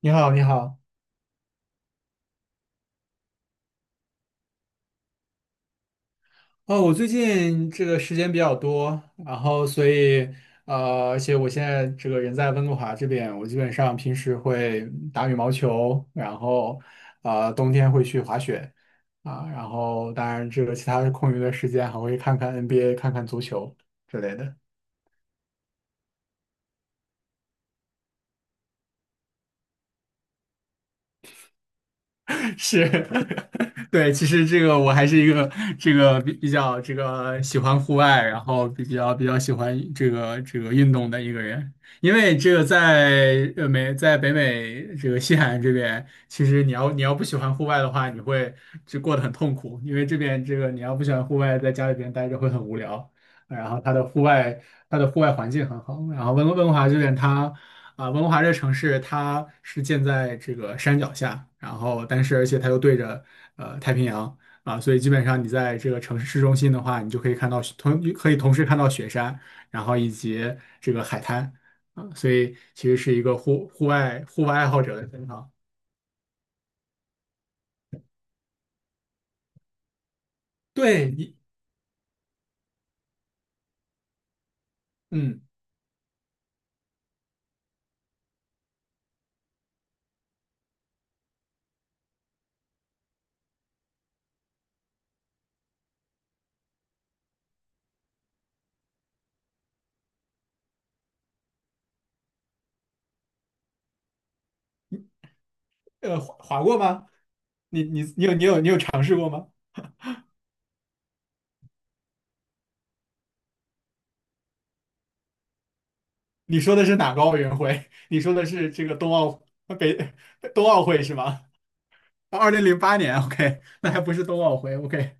你好，你好。哦，我最近这个时间比较多，然后所以而且我现在这个人在温哥华这边，我基本上平时会打羽毛球，然后冬天会去滑雪。啊，然后当然这个其他空余的时间还会看看 NBA，看看足球之类的。是，对，其实这个我还是一个这个比较这个喜欢户外，然后比较喜欢这个运动的一个人，因为这个在北美这个西海岸这边，其实你要不喜欢户外的话，你会就过得很痛苦，因为这边这个你要不喜欢户外，在家里边待着会很无聊。然后它的户外环境很好，然后温哥华这边它。啊，温哥华这个城市，它是建在这个山脚下，然后但是而且它又对着太平洋。啊，所以基本上你在这个城市市中心的话，你就可以看到雪同可以同时看到雪山，然后以及这个海滩。啊，所以其实是一个户外爱好者的天堂。对你，嗯，滑过吗？你有尝试过吗？你说的是哪个奥运会？你说的是这个冬奥北 冬奥会是吗？2008年，OK，那还不是冬奥会，OK，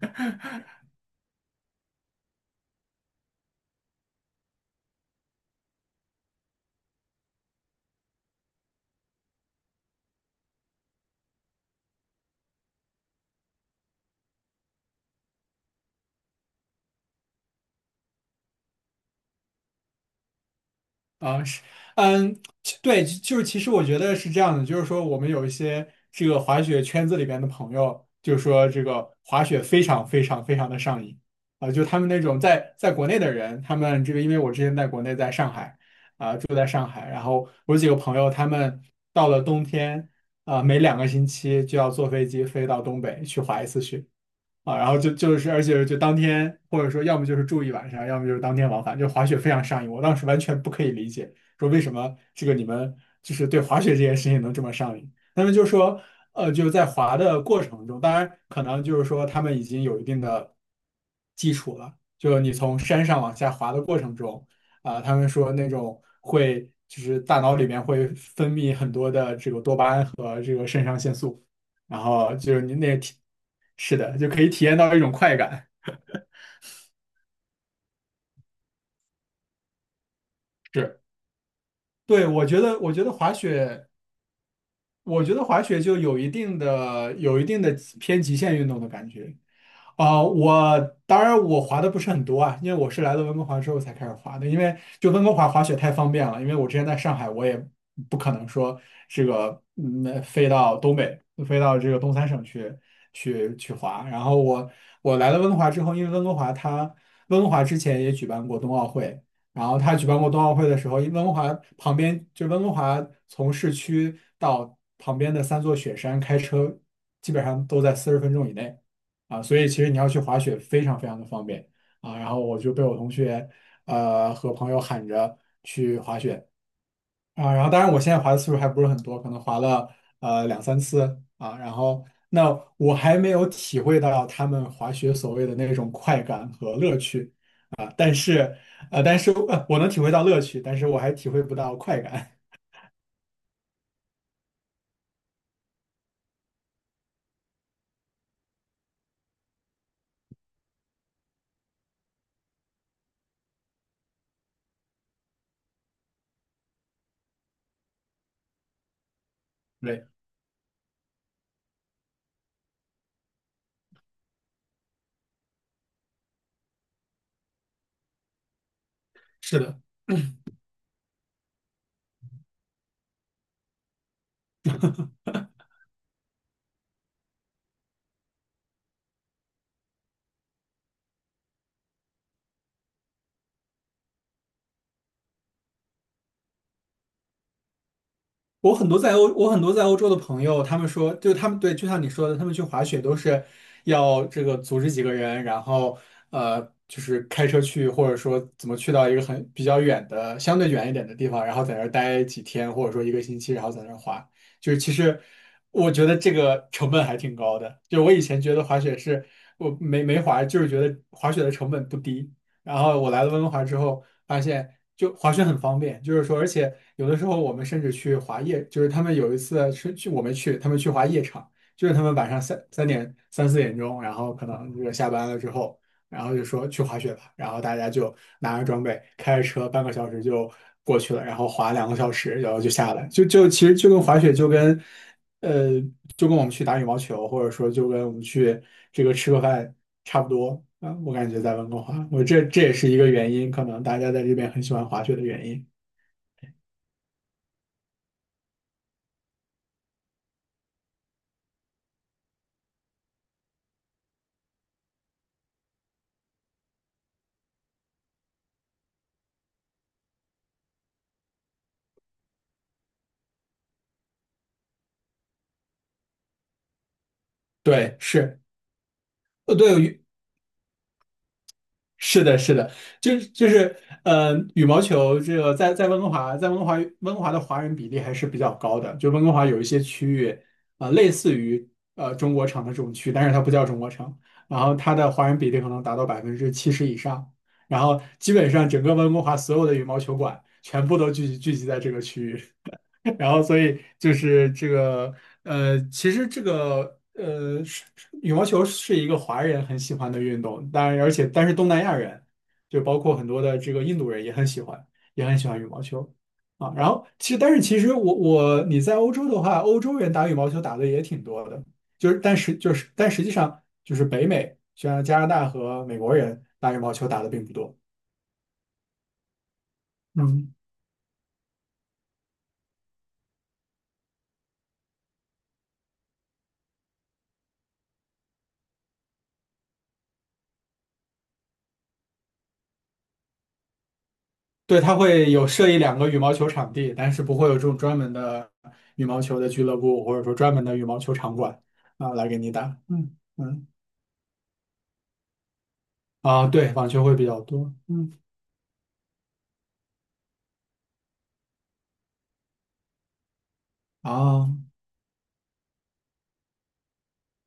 啊是，嗯，对，就是其实我觉得是这样的，就是说我们有一些这个滑雪圈子里边的朋友，就说这个滑雪非常非常非常的上瘾。啊，就他们那种在国内的人，他们这个因为我之前在国内在上海。啊，住在上海，然后我有几个朋友他们到了冬天。啊，每两个星期就要坐飞机飞到东北去滑一次雪。啊，然后就是而且就当天或者说要么就是住一晚上，要么就是当天往返，就滑雪非常上瘾。我当时完全不可以理解，说为什么这个你们就是对滑雪这件事情能这么上瘾。那么就说，就是在滑的过程中，当然可能就是说他们已经有一定的基础了，就你从山上往下滑的过程中。啊、他们说那种会就是大脑里面会分泌很多的这个多巴胺和这个肾上腺素。然后就是你那体，是的，就可以体验到一种快感。是，对，我觉得，我觉得滑雪，我觉得滑雪就有一定的、有一定的偏极限运动的感觉。啊、我当然我滑的不是很多。啊，因为我是来了温哥华之后才开始滑的。因为就温哥华滑雪太方便了，因为我之前在上海，我也不可能说这个飞到东北，飞到这个东三省去滑。然后我来了温哥华之后，因为温哥华之前也举办过冬奥会，然后它举办过冬奥会的时候，因为温哥华从市区到旁边的三座雪山开车基本上都在40分钟以内。啊，所以其实你要去滑雪非常非常的方便。啊。然后我就被我同学和朋友喊着去滑雪。啊。然后当然我现在滑的次数还不是很多，可能滑了两三次。啊。然后那我还没有体会到他们滑雪所谓的那种快感和乐趣。啊，但是我能体会到乐趣，但是我还体会不到快感。对，是的。我很多在欧洲的朋友，他们说，就他们对，就像你说的，他们去滑雪都是要这个组织几个人，然后就是开车去，或者说怎么去到一个很比较远的、相对远一点的地方，然后在那儿待几天，或者说一个星期，然后在那儿滑。就是其实我觉得这个成本还挺高的。就我以前觉得滑雪是我没滑，就是觉得滑雪的成本不低。然后我来了温哥华之后，发现就滑雪很方便，就是说，而且有的时候我们甚至去滑夜，就是他们有一次是去我没去，他们去滑夜场，就是他们晚上三四点钟，然后可能就个下班了之后，然后就说去滑雪吧，然后大家就拿着装备开着车半个小时就过去了，然后滑两个小时，然后就下来，就其实就跟滑雪呃就跟我们去打羽毛球，或者说就跟我们去这个吃个饭差不多。啊，我感觉在温哥华，我这也是一个原因，可能大家在这边很喜欢滑雪的原因。对，对，是的，是的，就是，羽毛球这个在温哥华，温哥华的华人比例还是比较高的。就温哥华有一些区域。啊，类似于中国城的这种区，但是它不叫中国城，然后它的华人比例可能达到70%以上，然后基本上整个温哥华所有的羽毛球馆全部都聚集在这个区域。然后所以就是这个，其实这个，羽毛球是一个华人很喜欢的运动，当然而且但是东南亚人就包括很多的这个印度人也很喜欢，也很喜欢羽毛球。啊。然后其实但是其实你在欧洲的话，欧洲人打羽毛球打的也挺多的，但是但实际上就是北美，像加拿大和美国人打羽毛球打的并不多。嗯。对，它会有设一两个羽毛球场地，但是不会有这种专门的羽毛球的俱乐部，或者说专门的羽毛球场馆。啊，来给你打。嗯嗯。啊，对，网球会比较多。嗯。啊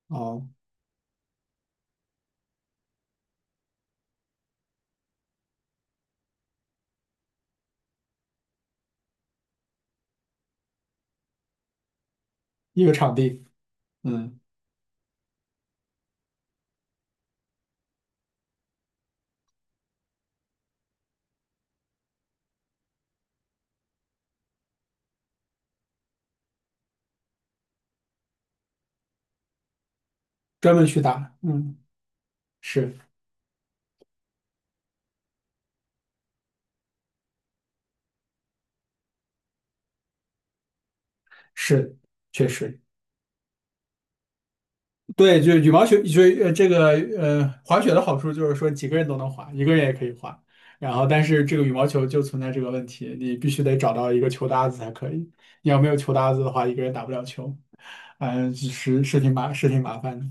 哦，一个场地，嗯，专门去打。嗯，是是，确实。对，就羽毛球，就这个滑雪的好处就是说几个人都能滑，一个人也可以滑。然后，但是这个羽毛球就存在这个问题，你必须得找到一个球搭子才可以。你要没有球搭子的话，一个人打不了球。嗯，是是挺麻是挺麻烦的。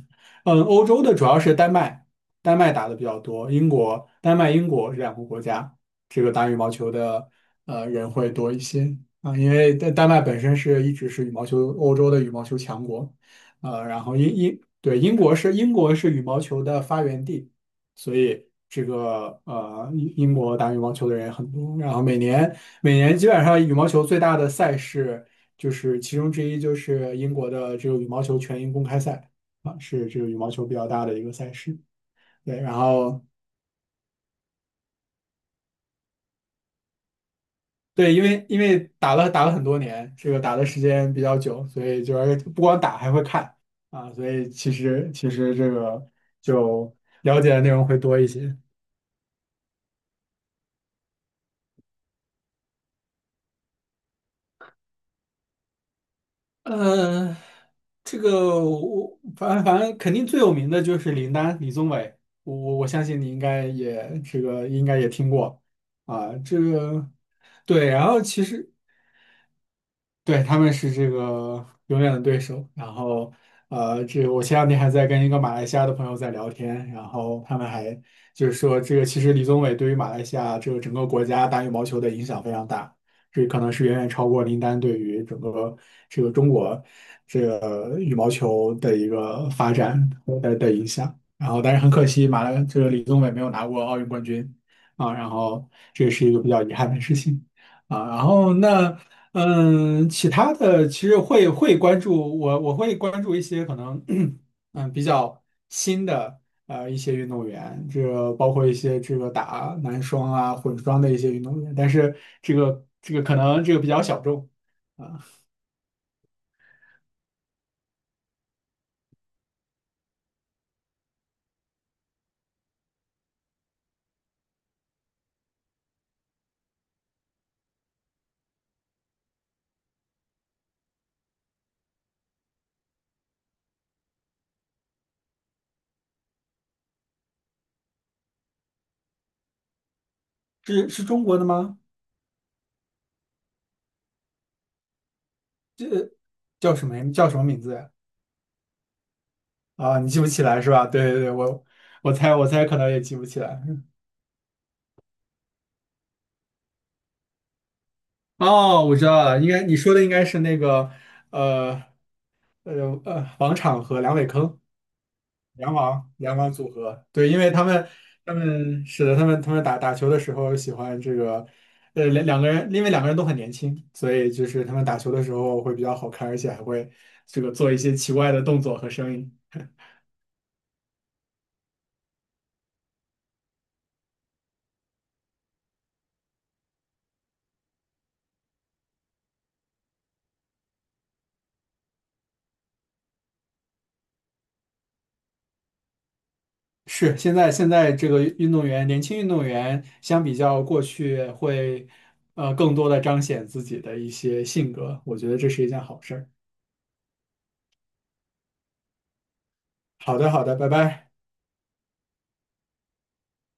嗯，欧洲的主要是丹麦，丹麦打的比较多，英国、丹麦、英国这两个国家，这个打羽毛球的人会多一些。啊，因为丹麦本身是一直是羽毛球欧洲的羽毛球强国，然后对，英国是羽毛球的发源地，所以这个英国打羽毛球的人也很多，然后每年基本上羽毛球最大的赛事。就是其中之一就是英国的这个羽毛球全英公开赛。啊，是这个羽毛球比较大的一个赛事。对，然后对，因为因为打了很多年，这个打的时间比较久，所以就是不光打还会看。啊，所以其实这个就了解的内容会多一些。呃，这个我反正肯定最有名的就是林丹李宗伟，我相信你应该也听过。啊，这个。对，然后其实对，他们是这个永远的对手。然后，这我前两天还在跟一个马来西亚的朋友在聊天，然后他们还就是说，这个其实李宗伟对于马来西亚这个整个国家打羽毛球的影响非常大，这可能是远远超过林丹对于整个这个中国这个羽毛球的一个发展的影响。然后，但是很可惜，马来这个李宗伟没有拿过奥运冠军。啊，然后这也是一个比较遗憾的事情。啊，然后那嗯，其他的其实会会关注我，我会关注一些可能，嗯，比较新的一些运动员，这个包括一些这个打男双啊、混双的一些运动员，但是这个可能这个比较小众，是中国的吗？叫什么呀叫什么名字呀？啊，你记不起来是吧？对对对，我猜可能也记不起来。哦，我知道了，应该你说的应该是那个呃王昶和梁伟铿。羊王羊王组合，对，因为他们是的，他们打球的时候喜欢这个，两个人，因为两个人都很年轻，所以就是他们打球的时候会比较好看，而且还会这个做一些奇怪的动作和声音。是，现在这个运动员，年轻运动员相比较过去会，更多的彰显自己的一些性格，我觉得这是一件好事儿。好的，好的，拜拜。